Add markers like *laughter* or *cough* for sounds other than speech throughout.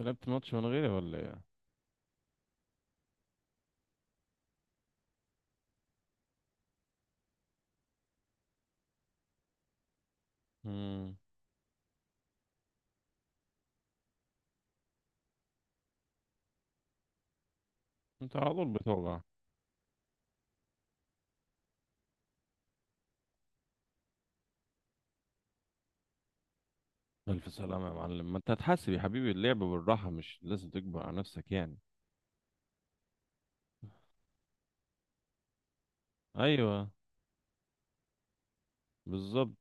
لعبت ماتش من غيري ولا ايه؟ امم. انت على طول بتوجع. الف سلامة يا معلم، ما انت هتحاسب يا حبيبي، اللعب بالراحة، مش لازم تكبر على نفسك يعني. ايوه. بالظبط.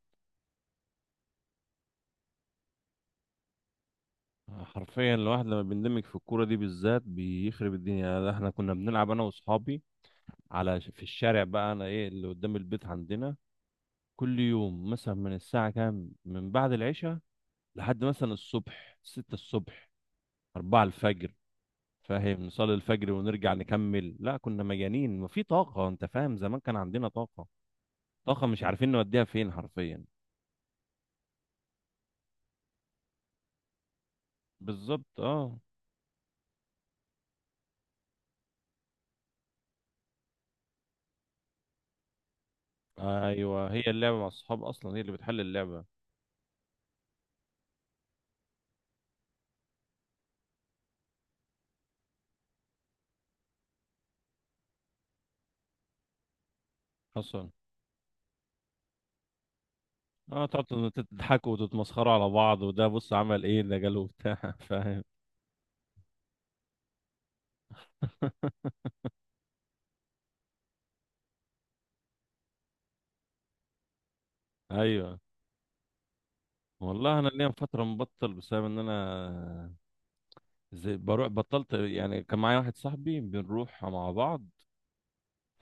حرفيا الواحد لما بيندمج في الكورة دي بالذات بيخرب الدنيا، يعني احنا كنا بنلعب انا واصحابي على في الشارع بقى، انا ايه اللي قدام البيت عندنا. كل يوم مثلا من الساعة كام، من بعد العشاء لحد مثلا الصبح، 6 الصبح، 4 الفجر. فاهم؟ نصلي الفجر ونرجع نكمل، لا كنا مجانين وفي طاقة، انت فاهم؟ زمان كان عندنا طاقة. طاقة مش عارفين نوديها فين حرفيا. بالظبط. اه. ايوه، هي اللعبة مع الصحاب اصلا، هي اللي بتحل اللعبة. حصل. اه، تقعدوا تضحكوا وتتمسخروا على بعض، وده بص عمل ايه، ده جاله بتاع *laughs* فاهم؟ ايوه. والله انا ليا فتره مبطل، بسبب ان انا زي بروح، بطلت يعني. كان معايا واحد صاحبي بنروح مع بعض.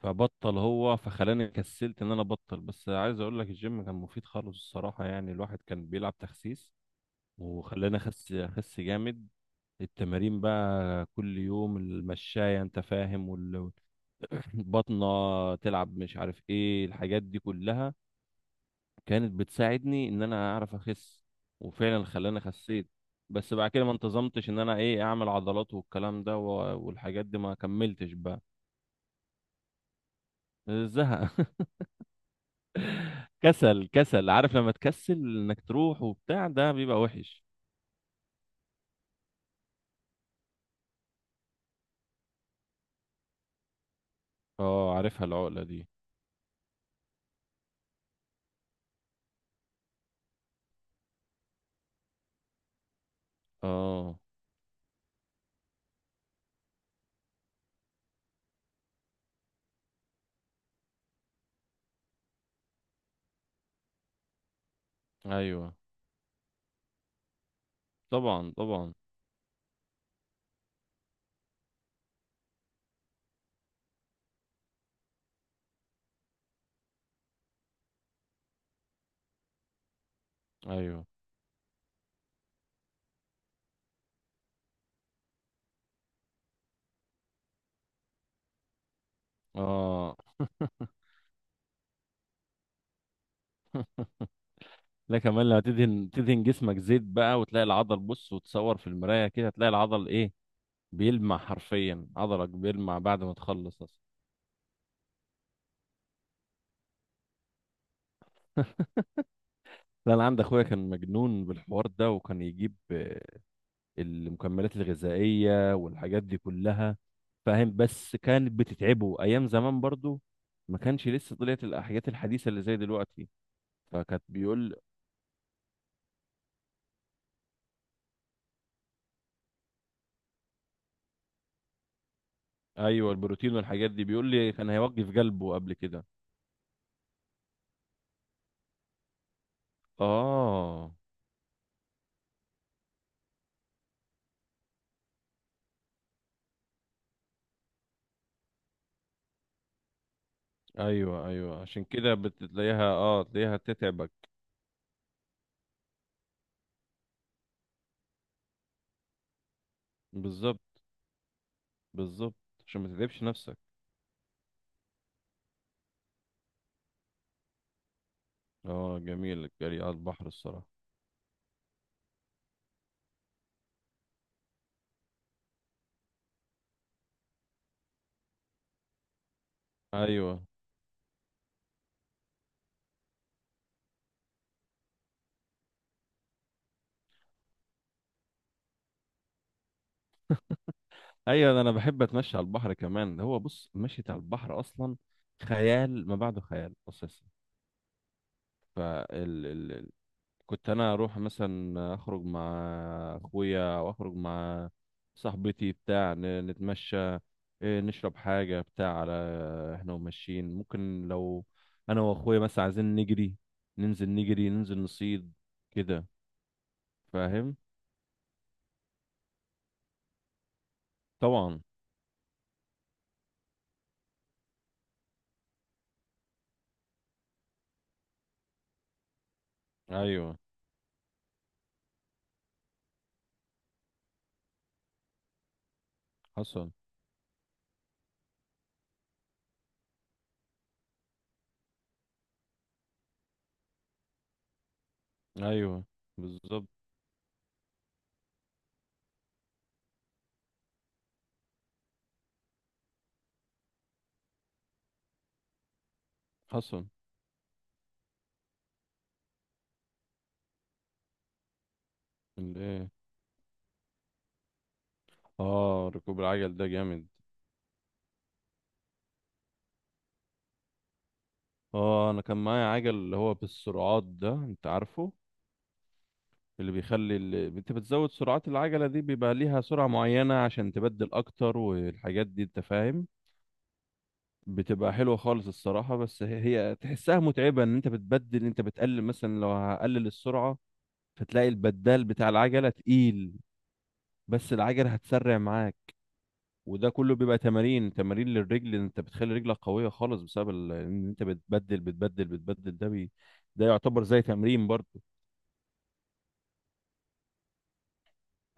فبطل هو، فخلاني كسلت ان انا ابطل، بس عايز اقول لك الجيم كان مفيد خالص الصراحه، يعني الواحد كان بيلعب تخسيس، وخلاني اخس اخس جامد. التمارين بقى كل يوم، المشاية انت فاهم، والبطنة *laughs* تلعب، مش عارف ايه الحاجات دي كلها، كانت بتساعدني ان انا اعرف اخس، وفعلا خلاني خسيت. بس بعد كده ما انتظمتش ان انا ايه اعمل عضلات والكلام ده، و- والحاجات دي ما كملتش بقى. زهق. كسل، كسل، عارف لما تكسل انك تروح وبتاع ده بيبقى وحش. اه، عارفها العقلة دي. اه. ايوه. طبعا طبعا. ايوه. اه. لا، كمان لما تدهن جسمك زيت بقى، وتلاقي العضل، بص وتصور في المراية كده، تلاقي العضل ايه، بيلمع، حرفيا عضلك بيلمع بعد ما تخلص اصلا. *laughs* لا، انا عندي اخويا كان مجنون بالحوار ده، وكان يجيب المكملات الغذائية والحاجات دي كلها. فاهم؟ بس كانت بتتعبه ايام زمان برضو، ما كانش لسه طلعت الحاجات الحديثة اللي زي دلوقتي. فكانت بيقول. ايوه، البروتين والحاجات دي بيقول لي كان هيوقف قلبه قبل كده. اه. ايوه ايوه، عشان كده بتلاقيها، تلاقيها تتعبك. بالظبط. بالظبط، عشان ما تتعبش نفسك. اه، جميل الجري على البحر الصراحة. ايوه ايوه، ده انا بحب اتمشى على البحر كمان، ده هو بص، مشيت على البحر اصلا خيال ما بعده خيال اساسا. فال... ال... ال- كنت انا اروح مثلا اخرج مع اخويا، او اخرج مع صاحبتي بتاع نتمشى، نشرب حاجه بتاع، على احنا وماشيين، ممكن لو انا واخويا مثلا عايزين نجري، ننزل نجري، ننزل نصيد كده. فاهم؟ طبعا. ايوه. حصل. ايوه. بالظبط. حصل. اه، ركوب العجل ده جامد. اه، انا كان معايا عجل اللي هو بالسرعات ده، انت عارفه، اللي بيخلي، انت بتزود سرعات العجلة دي، بيبقى ليها سرعة معينة عشان تبدل اكتر والحاجات دي انت فاهم. بتبقى حلوة خالص الصراحة، بس هي، هي تحسها متعبة، ان انت بتبدل، انت بتقلل مثلا، لو هقلل السرعة فتلاقي البدال بتاع العجلة تقيل، بس العجلة هتسرع معاك. وده كله بيبقى تمارين، تمارين للرجل، إن انت بتخلي رجلك قويه خالص بسبب ان انت بتبدل بتبدل بتبدل، ده يعتبر زي تمرين برضه.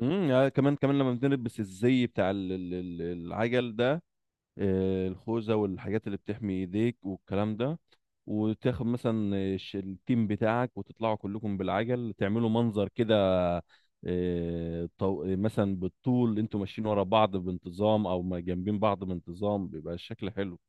امم. آه. كمان كمان، لما بنلبس الزي بتاع العجل ده، الخوذه والحاجات اللي بتحمي ايديك والكلام ده، وتاخد مثلا التيم بتاعك، وتطلعوا كلكم بالعجل، تعملوا منظر كده. مثلا بالطول انتوا ماشيين ورا بعض بانتظام، او ما جنبين بعض بانتظام، بيبقى الشكل حلو.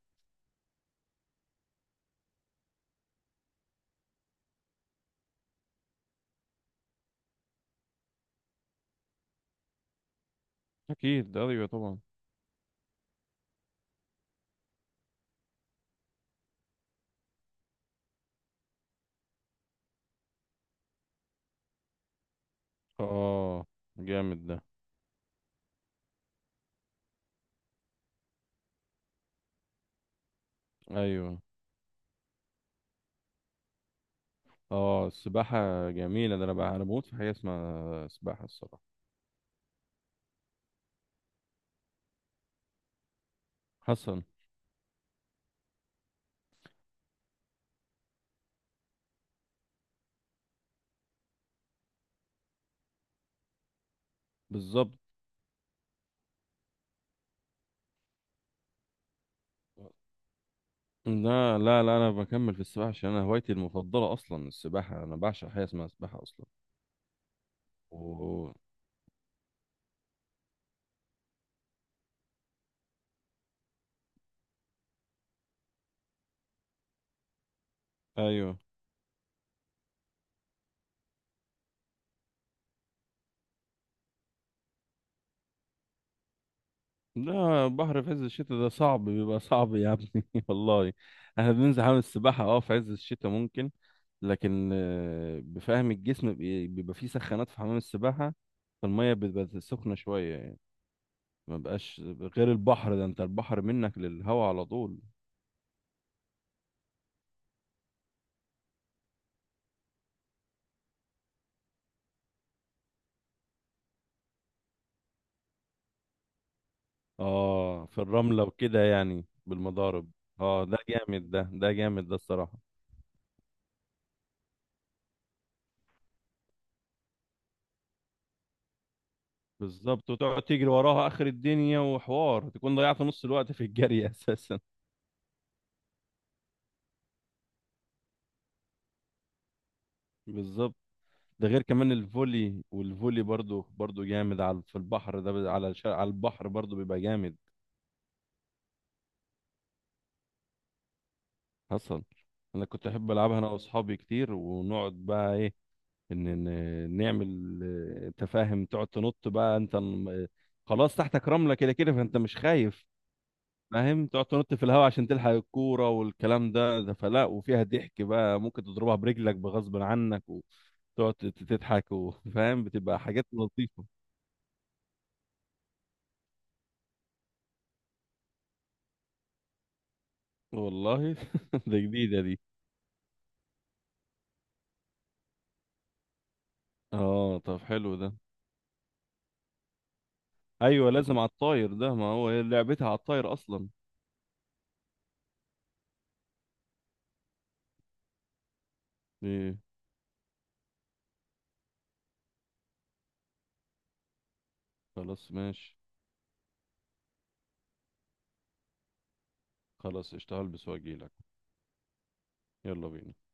اكيد. ايوه طبعا. اه جامد ده. ايوه. اه، السباحه جميله، ده انا بقى، انا بموت في حاجه اسمها سباحه الصراحه. حسن. بالظبط. لا، لا، لا، انا بكمل في السباحه، عشان انا هوايتي المفضله اصلا السباحه، انا بعشق حاجه اسمها سباحه اصلا. و... ايوه. لا، بحر في عز الشتاء ده صعب، بيبقى صعب يا ابني *laughs* والله. احنا بننزل حمام السباحة في عز الشتاء ممكن، لكن بفهم الجسم بيبقى فيه سخانات في حمام السباحة، فالمية بتبقى سخنة شوية يعني. ما بقاش. غير البحر ده، انت البحر منك للهوا على طول. اه، في الرملة وكده يعني، بالمضارب. اه، ده جامد ده جامد ده الصراحة. بالظبط، وتقعد تجري وراها اخر الدنيا، وحوار تكون ضيعت نص الوقت في الجري *laughs* اساسا. بالظبط. ده غير كمان الفولي، والفولي برضو جامد، على في البحر ده، على البحر برضو بيبقى جامد. حصل. انا كنت احب العبها انا واصحابي كتير، ونقعد بقى ايه، ان نعمل، تفاهم، تقعد تنط بقى، انت خلاص تحتك رملة كده كده، فانت مش خايف. فاهم؟ تقعد تنط في الهواء عشان تلحق الكورة والكلام ده، فلا، وفيها ضحك بقى، ممكن تضربها برجلك بغصب عنك، وتقعد تضحك، وفاهم؟ بتبقى حاجات لطيفة. والله *laughs* ده جديدة دي. اه، طب حلو ده. ايوه، لازم على الطاير ده، ما هو هي لعبتها على الطاير اصلا. ايه. خلاص، ماشي. خلاص، اشتغل بس واجيلك. يلا بينا.